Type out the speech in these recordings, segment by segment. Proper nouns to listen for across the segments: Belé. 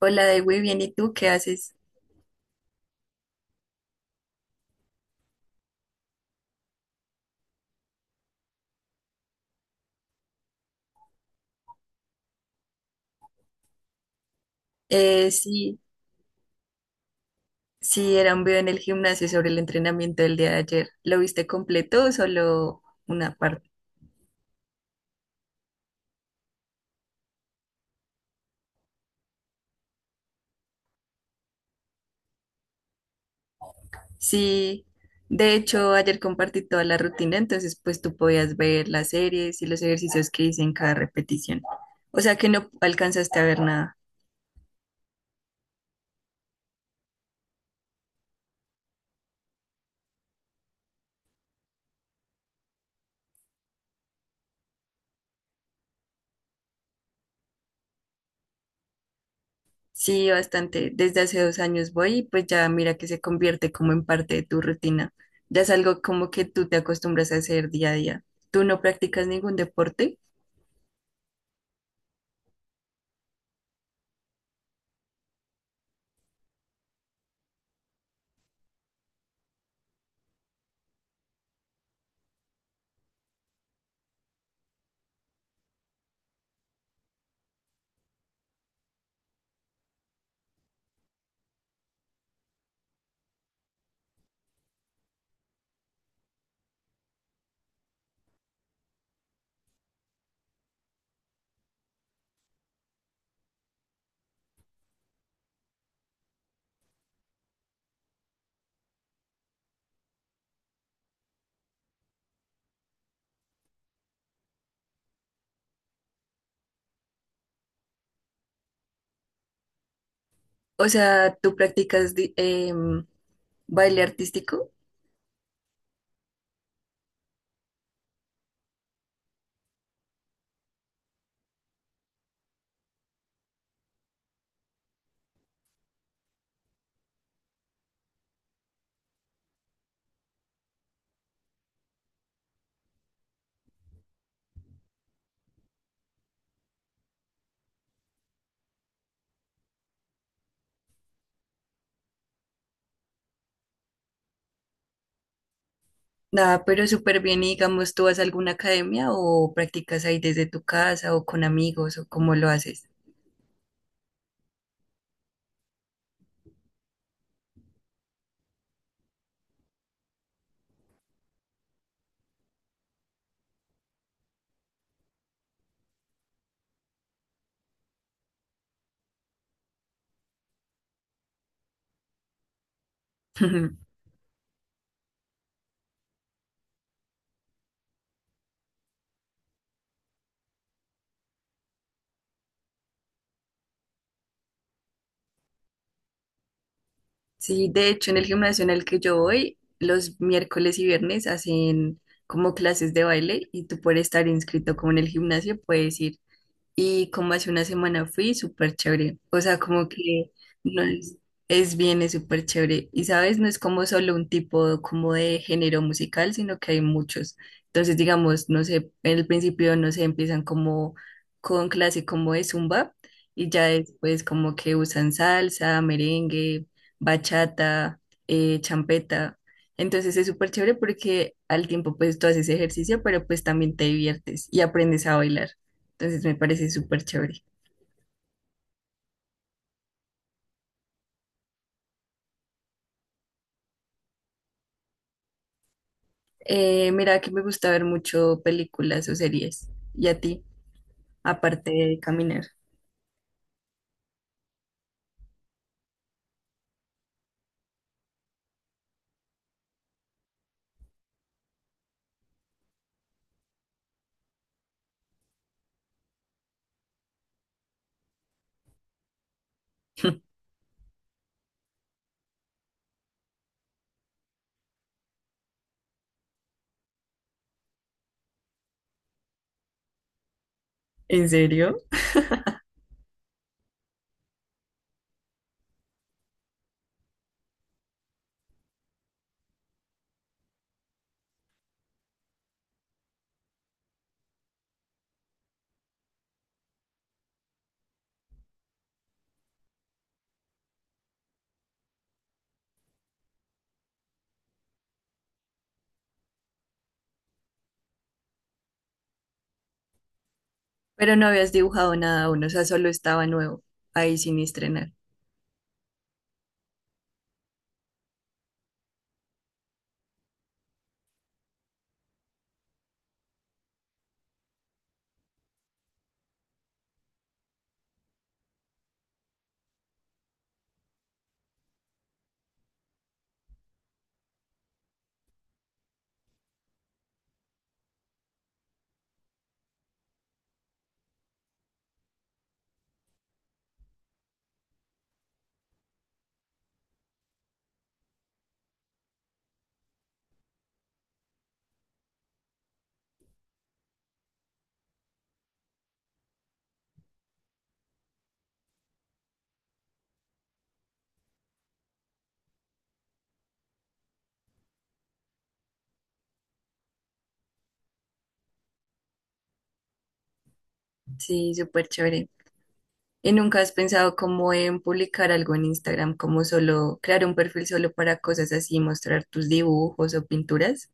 Hola, de güey, bien, ¿y tú qué haces? Eh, sí, sí, era un video en el gimnasio sobre el entrenamiento del día de ayer. ¿Lo viste completo o solo una parte? Sí, de hecho, ayer compartí toda la rutina, entonces pues tú podías ver las series y los ejercicios que hice en cada repetición. O sea que no alcanzaste a ver nada. Sí, bastante. Desde hace 2 años voy y pues ya mira que se convierte como en parte de tu rutina. Ya es algo como que tú te acostumbras a hacer día a día. ¿Tú no practicas ningún deporte? O sea, tú practicas baile artístico, nada, pero súper bien. Y digamos, ¿tú vas a alguna academia o practicas ahí desde tu casa o con amigos o cómo lo haces? Sí, de hecho, en el gimnasio en el que yo voy, los miércoles y viernes hacen como clases de baile y tú por estar inscrito como en el gimnasio puedes ir. Y como hace 1 semana fui, súper chévere. O sea, como que no es, es bien, es súper chévere. Y sabes, no es como solo un tipo como de género musical, sino que hay muchos. Entonces, digamos, no sé, en el principio, no sé, empiezan como con clase como de zumba y ya después como que usan salsa, merengue, bachata, champeta. Entonces es súper chévere porque al tiempo pues tú haces ejercicio, pero pues también te diviertes y aprendes a bailar. Entonces me parece súper chévere. Mira, que me gusta ver mucho películas o series. ¿Y a ti? Aparte de caminar. ¿En serio? Pero no habías dibujado nada aún, o sea, solo estaba nuevo, ahí sin estrenar. Sí, súper chévere. ¿Y nunca has pensado como en publicar algo en Instagram, como solo crear un perfil solo para cosas así, mostrar tus dibujos o pinturas?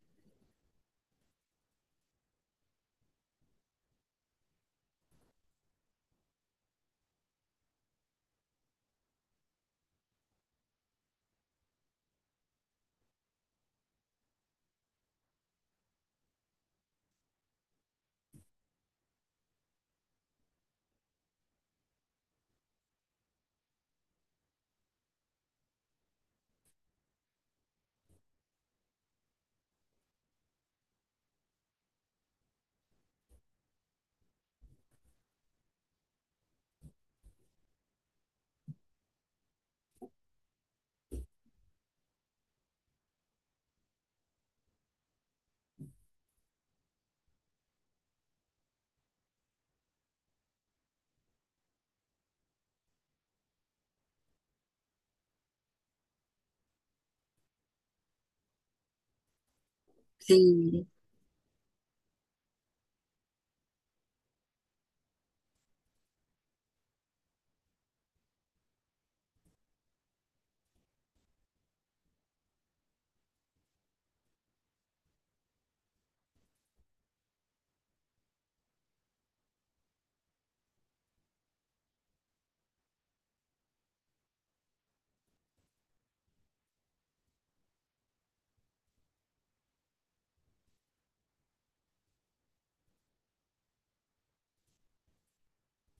Sí.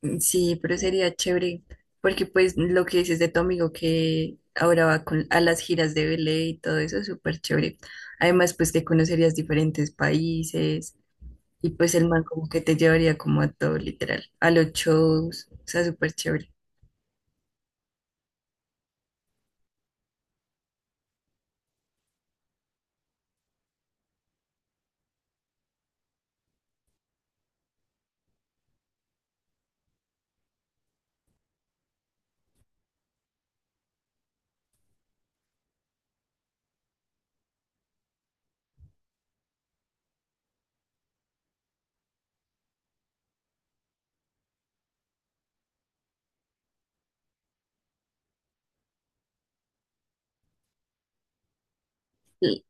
Mm, sí, pero sería chévere, porque pues lo que dices de tu amigo que ahora va con, a las giras de Belé y todo eso es súper chévere. Además, pues que conocerías diferentes países y pues el man como que te llevaría como a todo literal, a los shows, o sea, súper chévere. Y,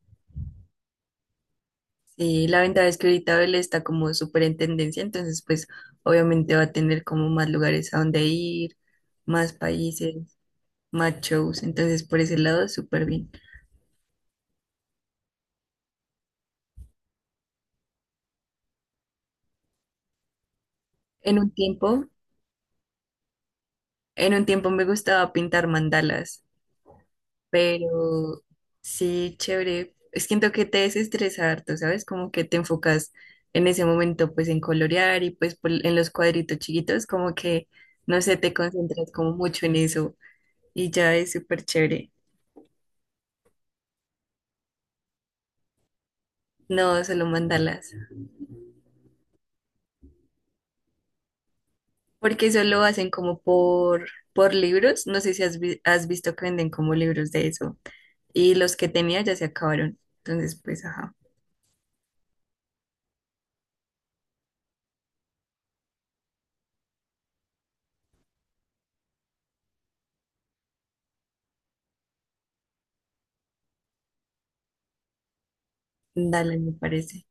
y la ventaja es que ahorita Belé está como súper en tendencia, entonces pues obviamente va a tener como más lugares a donde ir, más países, más shows, entonces por ese lado súper bien. En un tiempo En un tiempo me gustaba pintar mandalas, pero sí, chévere. Es que siento que te desestresa harto, ¿sabes? Como que te enfocas en ese momento pues en colorear y pues en los cuadritos chiquitos, como que, no sé, te concentras como mucho en eso y ya es súper chévere. No, solo mandalas, porque solo hacen como por libros. No sé si has, has visto que venden como libros de eso y los que tenía ya se acabaron. Entonces, pues, ajá, dale, me parece.